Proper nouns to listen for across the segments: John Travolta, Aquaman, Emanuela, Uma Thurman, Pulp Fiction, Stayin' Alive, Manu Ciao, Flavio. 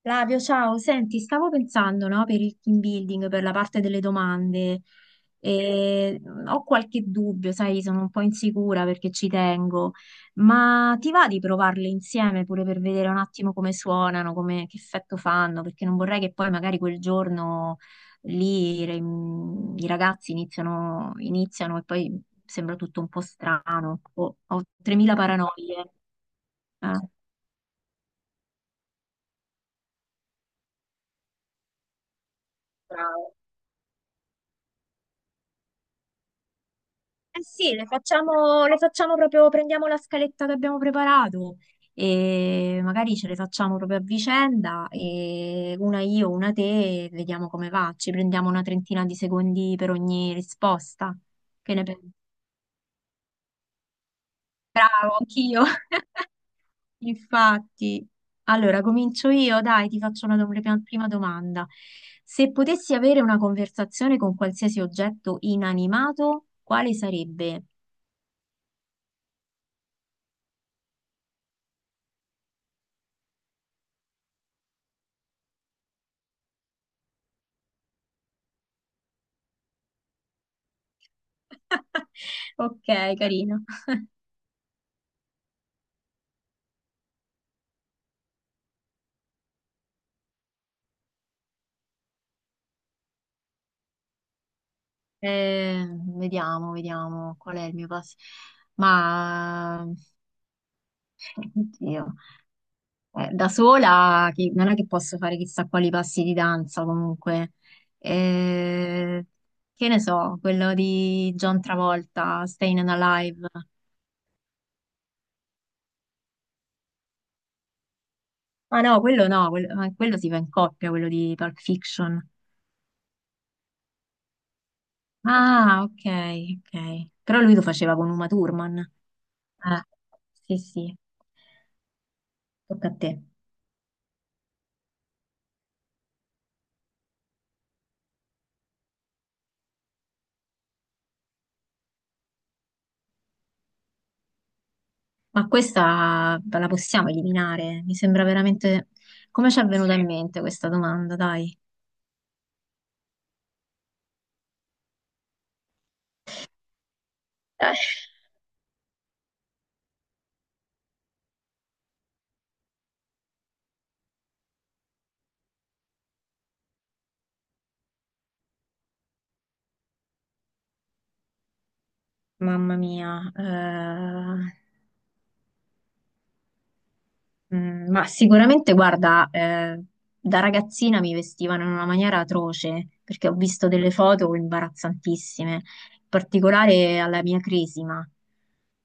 Flavio, ciao, senti, stavo pensando, no, per il team building, per la parte delle domande, e ho qualche dubbio, sai, sono un po' insicura perché ci tengo, ma ti va di provarle insieme pure per vedere un attimo come suonano, come, che effetto fanno, perché non vorrei che poi magari quel giorno lì i ragazzi iniziano e poi sembra tutto un po' strano, ho 3000 paranoie. Eh, bravo. Eh sì, le facciamo proprio, prendiamo la scaletta che abbiamo preparato e magari ce le facciamo proprio a vicenda, e una io, una te, e vediamo come va. Ci prendiamo una trentina di secondi per ogni risposta. Che ne pensi? Bravo, anch'io. Infatti. Allora, comincio io, dai, ti faccio una prima domanda. Se potessi avere una conversazione con qualsiasi oggetto inanimato, quale sarebbe? Ok, carino. Eh, vediamo qual è il mio passo. Ma, oddio, da sola non è che posso fare chissà quali passi di danza comunque. Eh, che ne so, quello di John Travolta, Stayin' Alive. Ah no, quello no, quello, ma quello si fa in coppia, quello di Pulp Fiction. Ah, ok, ok. Però lui lo faceva con Uma Thurman. Sì, sì, tocca a te. Ma questa la possiamo eliminare? Mi sembra veramente. Come ci è venuta , sì, in mente questa domanda, dai? Eh, Mamma mia. Ma sicuramente, guarda, da ragazzina mi vestivano in una maniera atroce, perché ho visto delle foto imbarazzantissime, in particolare alla mia cresima.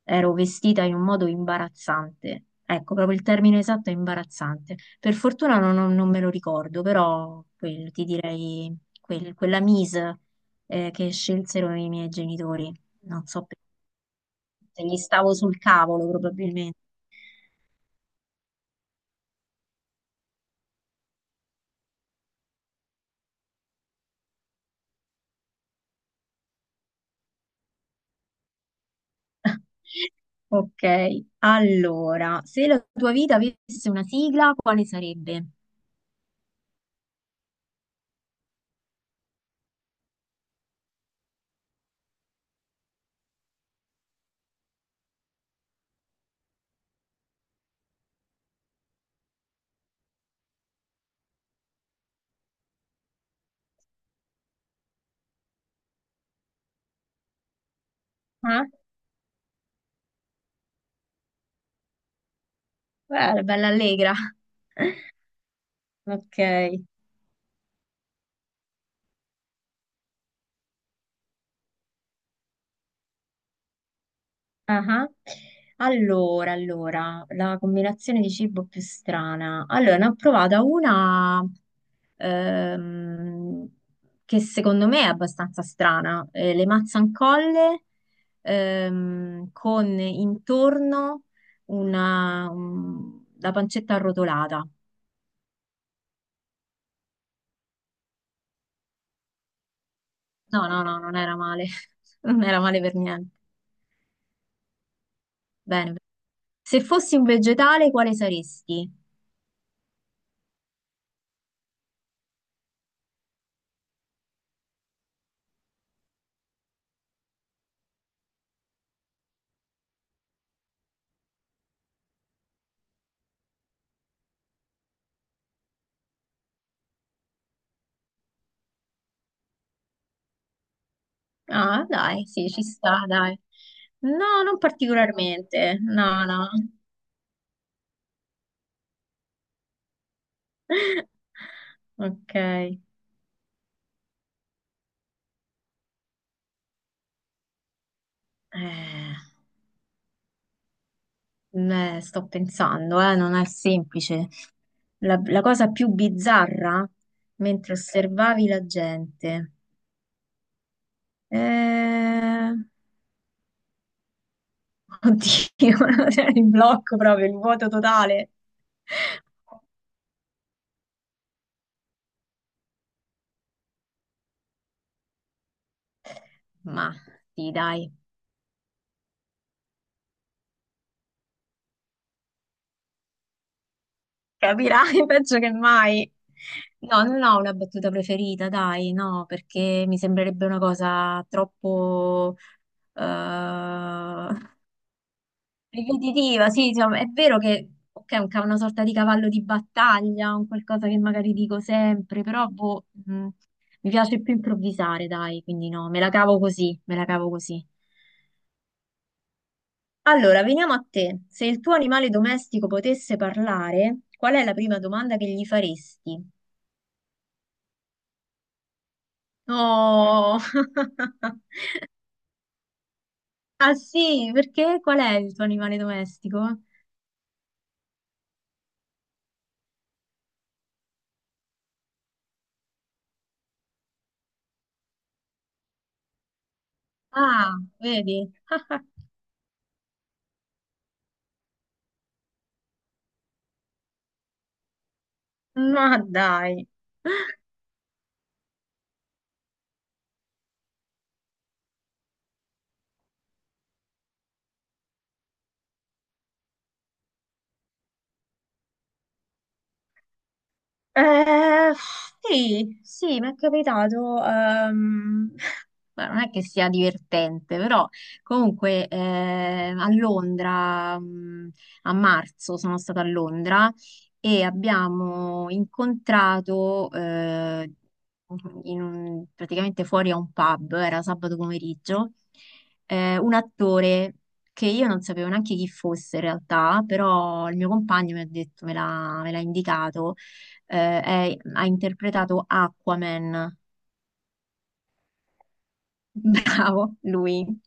Ero vestita in un modo imbarazzante. Ecco, proprio il termine esatto è imbarazzante. Per fortuna non me lo ricordo, però quello, ti direi quella mise che scelsero i miei genitori. Non so perché, gli stavo sul cavolo probabilmente. Ok, allora, se la tua vita avesse una sigla, quale sarebbe? Ah, bella, bella allegra. Ok, aha. Allora, la combinazione di cibo più strana. Allora, ne ho provata una ehm, che secondo me è abbastanza strana. Le mazzancolle con intorno la pancetta arrotolata. No, no, no, non era male. Non era male per niente. Bene. Se fossi un vegetale, quale saresti? Ah, dai, sì, ci sta, dai. No, non particolarmente. No, no. Ok. Beh, sto pensando, non è semplice. La cosa più bizzarra mentre osservavi la gente. Eh, Oddio, cioè, il blocco proprio, il vuoto totale. Ma sì, dai, capirai peggio che mai. No, non ho una battuta preferita, dai, no, perché mi sembrerebbe una cosa troppo eh, ripetitiva. Sì, insomma, è vero che ok, un una sorta di cavallo di battaglia, un qualcosa che magari dico sempre, però boh, mi piace più improvvisare, dai, quindi no, me la cavo così, me la cavo così. Allora, veniamo a te. Se il tuo animale domestico potesse parlare, qual è la prima domanda che gli faresti? Oh, ah sì, perché qual è il tuo animale domestico? Ah, vedi? Ma dai. Eh, sì, sì, mi è capitato. ma non è che sia divertente, però comunque a Londra, a marzo sono stata a Londra e abbiamo incontrato praticamente fuori a un pub, era sabato pomeriggio, un attore che io non sapevo neanche chi fosse in realtà, però il mio compagno mi ha detto, me l'ha indicato ha interpretato Aquaman. Bravo, lui.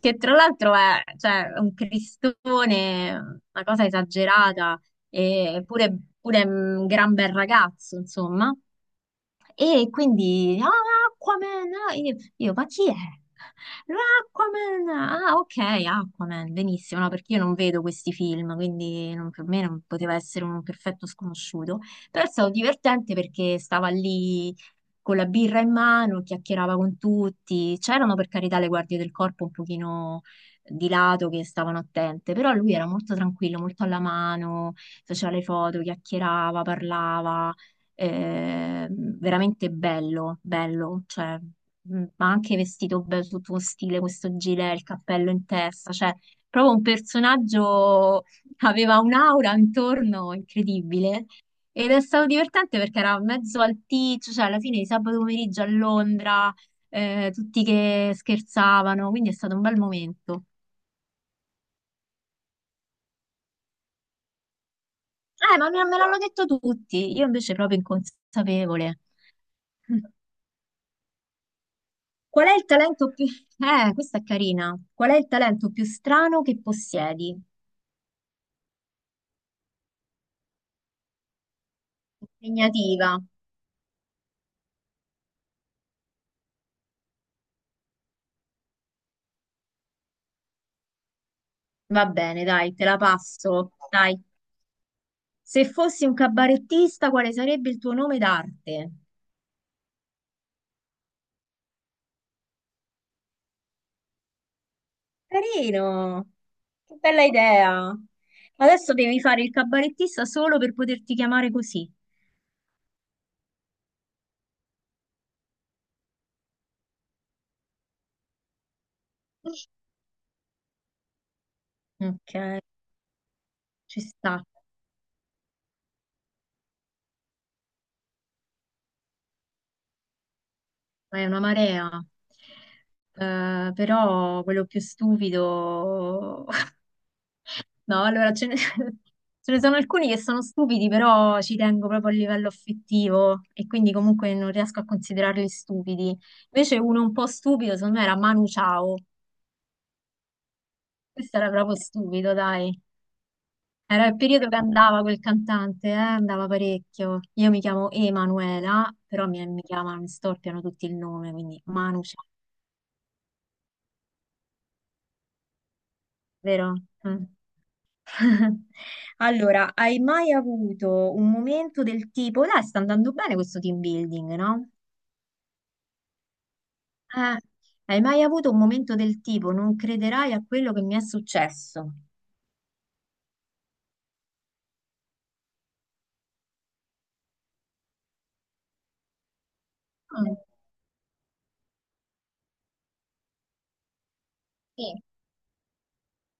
Che tra l'altro è, cioè, un cristone, una cosa esagerata, eppure pure un gran bel ragazzo, insomma. E quindi, ah, Aquaman, ah, io, ma chi è? L'Aquaman, ah, ok, Aquaman, benissimo, no, perché io non vedo questi film, quindi per me non poteva essere un perfetto sconosciuto, però è stato divertente perché stava lì con la birra in mano, chiacchierava con tutti, c'erano per carità le guardie del corpo un pochino di lato che stavano attente, però lui era molto tranquillo, molto alla mano, faceva le foto, chiacchierava, parlava veramente bello, bello, cioè, ma anche vestito bello, tutto con stile, questo gilet, il cappello in testa, cioè, proprio un personaggio che aveva un'aura intorno incredibile. Ed è stato divertente perché era mezzo alticcio, cioè alla fine di sabato pomeriggio a Londra, tutti che scherzavano, quindi è stato un bel momento. Ma me l'hanno detto tutti, io invece proprio inconsapevole. Qual è il talento più... questa è carina. Qual è il talento più strano che possiedi? Impegnativa. Va bene, dai, te la passo. Dai. Se fossi un cabarettista, quale sarebbe il tuo nome d'arte? Carino. Che bella idea. Adesso devi fare il cabarettista solo per poterti chiamare così. Ok, ci sta. È una marea. Però quello più stupido. No, allora ce ne, ce ne sono alcuni che sono stupidi, però ci tengo proprio a livello affettivo e quindi comunque non riesco a considerarli stupidi. Invece uno un po' stupido, secondo me, era Manu Ciao. Questo era proprio stupido, dai. Era il periodo che andava quel cantante, andava parecchio. Io mi chiamo Emanuela, però mi chiamano, mi storpiano tutti il nome, quindi Manu Ciao, vero? Mm. Allora, hai mai avuto un momento del tipo, dai, sta andando bene questo team building, no? Ah, hai mai avuto un momento del tipo, non crederai a quello che mi è successo? Mm. Sì.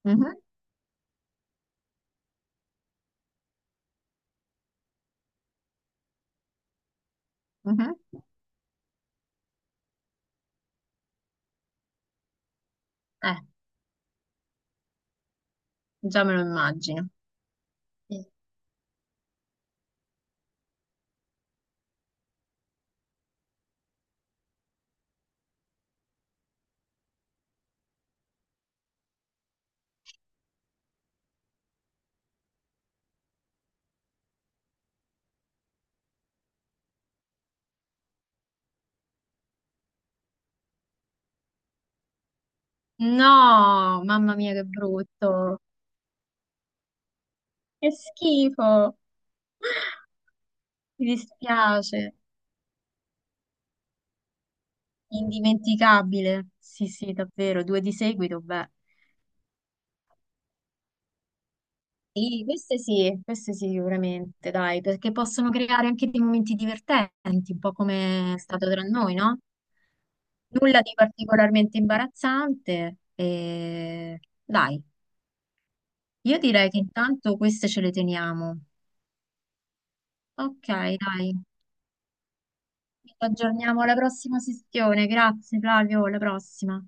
Mhm. Mhm. Eh, già me lo immagino. Sì. No, mamma mia, che brutto. Che schifo. Mi dispiace. Indimenticabile. Sì, sì, davvero, due di seguito, beh. Sì, queste sì, queste sì, sicuramente, dai, perché possono creare anche dei momenti divertenti, un po' come è stato tra noi, no? Nulla di particolarmente imbarazzante. Dai, io direi che intanto queste ce le teniamo. Ok, dai. Ci aggiorniamo alla prossima sessione. Grazie, Flavio, alla prossima.